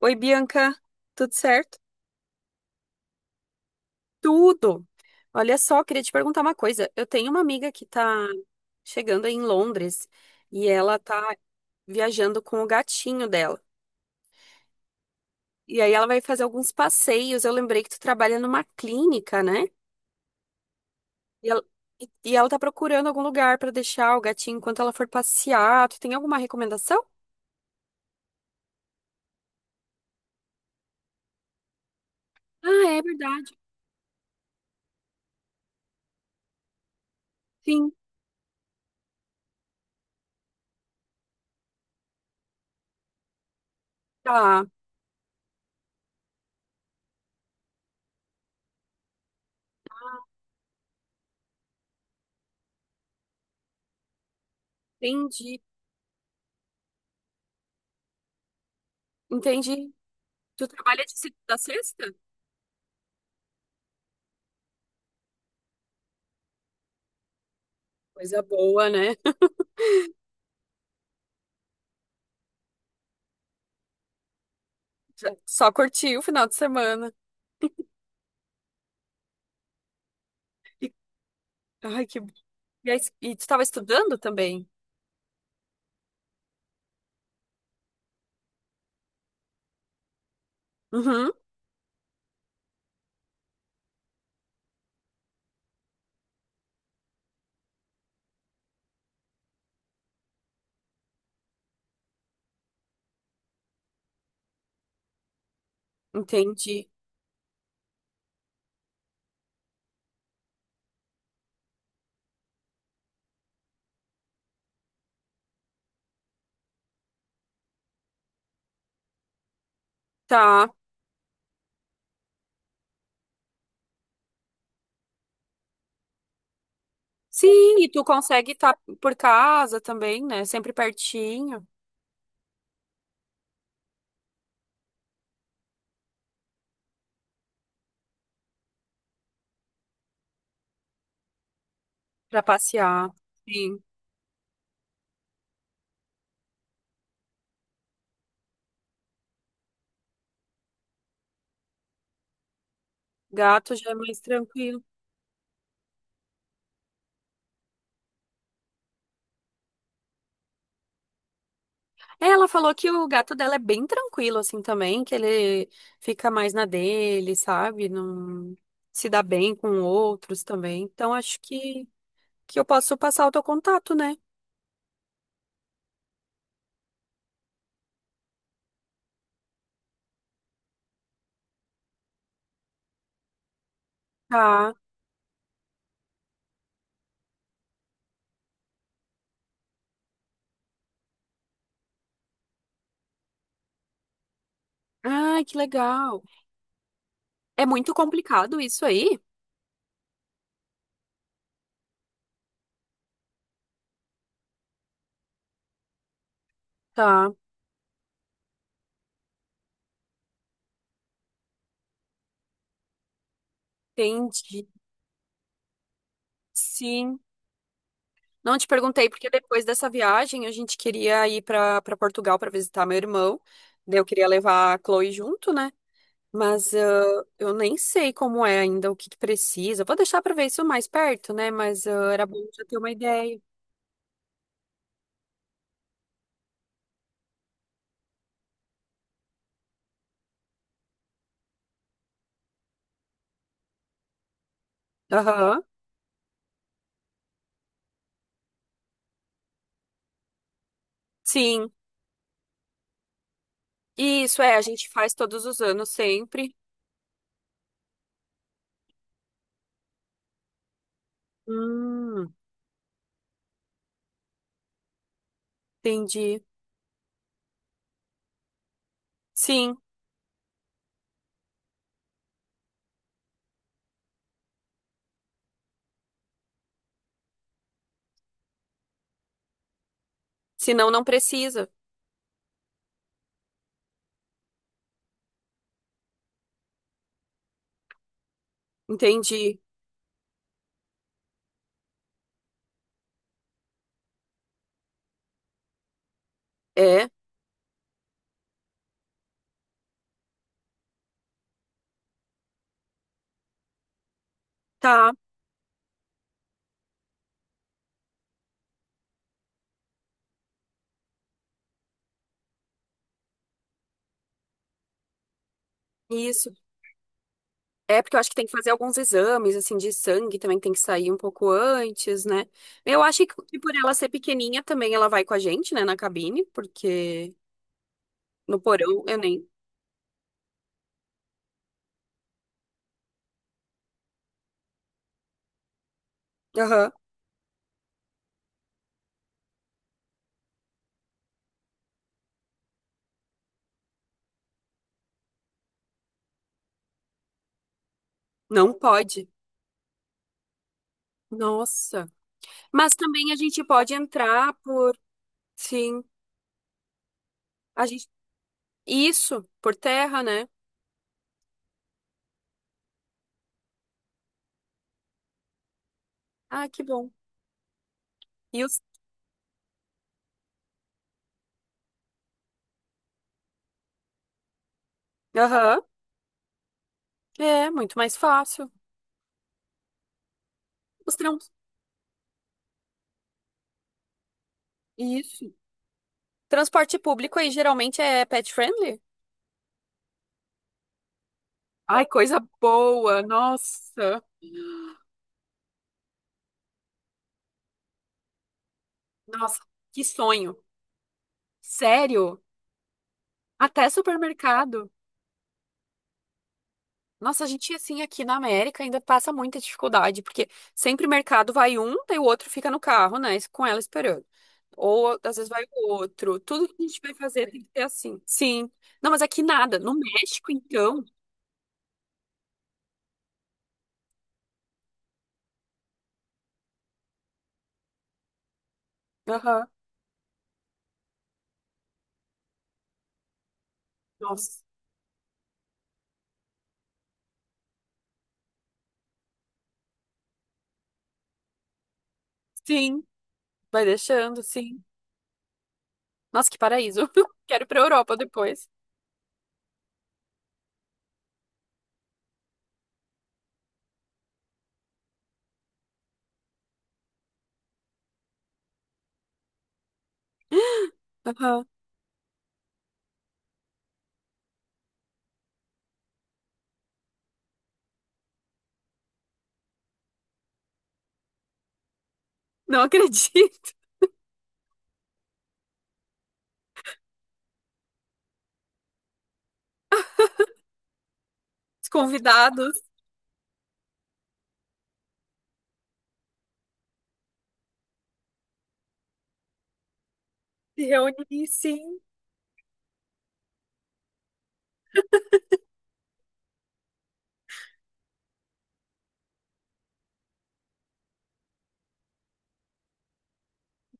Oi, Bianca, tudo certo? Tudo! Olha só, queria te perguntar uma coisa. Eu tenho uma amiga que tá chegando aí em Londres e ela tá viajando com o gatinho dela. E aí ela vai fazer alguns passeios. Eu lembrei que tu trabalha numa clínica, né? E ela, e ela tá procurando algum lugar pra deixar o gatinho enquanto ela for passear. Tu tem alguma recomendação? Ah, é verdade. Sim, tá. Entendi. Entendi. Tu trabalha de segunda a sexta? Coisa boa, né? Só curti o final de semana. E, ai, que... E, Aí, e tu tava estudando também? Uhum, entendi. Tá. Sim, e tu consegue estar por casa também, né? Sempre pertinho pra passear. Sim. Gato já é mais tranquilo. É, ela falou que o gato dela é bem tranquilo assim também, que ele fica mais na dele, sabe? Não se dá bem com outros também. Então acho que eu posso passar o teu contato, né? Tá. Ai, que legal. É muito complicado isso aí? Tá, entendi. Sim. Não te perguntei porque depois dessa viagem a gente queria ir para Portugal para visitar meu irmão. Daí eu queria levar a Chloe junto, né? Mas ah, eu nem sei como é ainda, o que precisa. Vou deixar para ver isso mais perto, né? Mas ah, era bom já ter uma ideia. Aham. Sim. Isso é, a gente faz todos os anos sempre. Hum, entendi. Sim. Senão não precisa. Entendi. É. Tá. Isso. É porque eu acho que tem que fazer alguns exames, assim, de sangue também tem que sair um pouco antes, né? Eu acho que por ela ser pequenininha também ela vai com a gente, né, na cabine, porque no porão eu nem. Aham. Não pode. Nossa. Mas também a gente pode entrar por. Sim. A gente. Isso, por terra, né? Ah, que bom. E os. Aham. É, muito mais fácil. Os trans. Isso. Transporte público aí geralmente é pet friendly? Ai, coisa boa, nossa, que sonho. Sério, até supermercado. Nossa, a gente assim aqui na América ainda passa muita dificuldade, porque sempre mercado vai um, daí o outro fica no carro, né, com ela esperando. Ou às vezes vai o outro. Tudo que a gente vai fazer tem que ser assim. Sim. Não, mas aqui nada. No México, então. Aham. Nossa. Sim, vai deixando, sim. Nossa, que paraíso. Quero ir pra Europa depois. Aham. Não acredito. Os convidados. Se reunir, sim.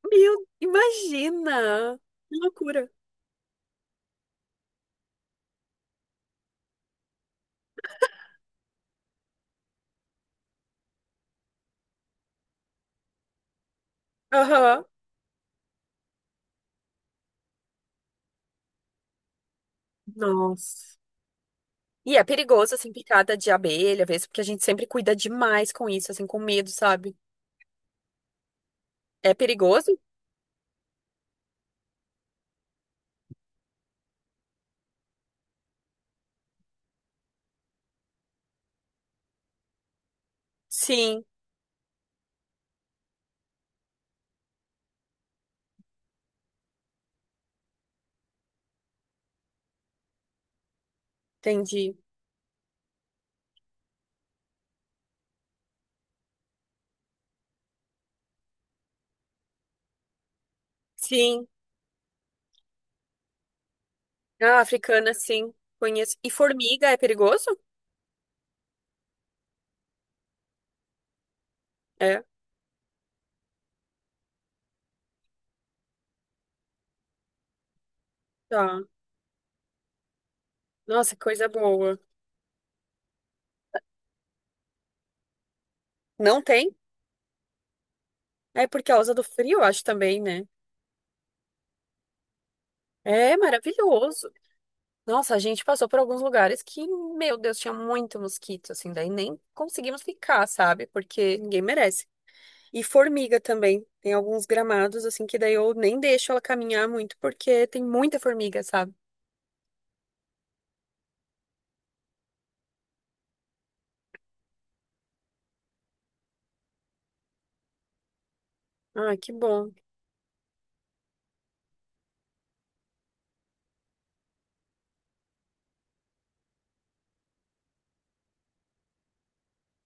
Meu, imagina! Que loucura. Aham. Nossa. E é perigoso, assim, picada de abelha, às vezes, porque a gente sempre cuida demais com isso, assim, com medo, sabe? É perigoso? Sim, entendi. Sim. Ah, africana, sim. Conheço. E formiga é perigoso? É. Tá. Nossa, coisa boa. Não tem? É por causa do frio, eu acho também, né? É maravilhoso. Nossa, a gente passou por alguns lugares que, meu Deus, tinha muito mosquito, assim, daí nem conseguimos ficar, sabe? Porque ninguém merece. E formiga também. Tem alguns gramados, assim, que daí eu nem deixo ela caminhar muito, porque tem muita formiga, sabe? Ah, que bom.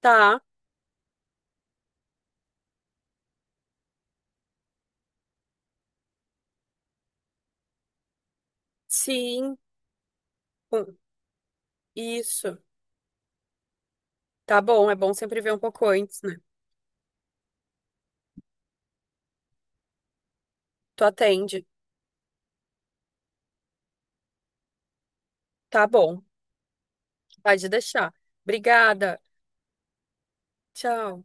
Tá, sim. Hum, isso. Tá bom, é bom sempre ver um pouco antes, né? Tu atende. Tá bom, pode deixar. Obrigada. Tchau.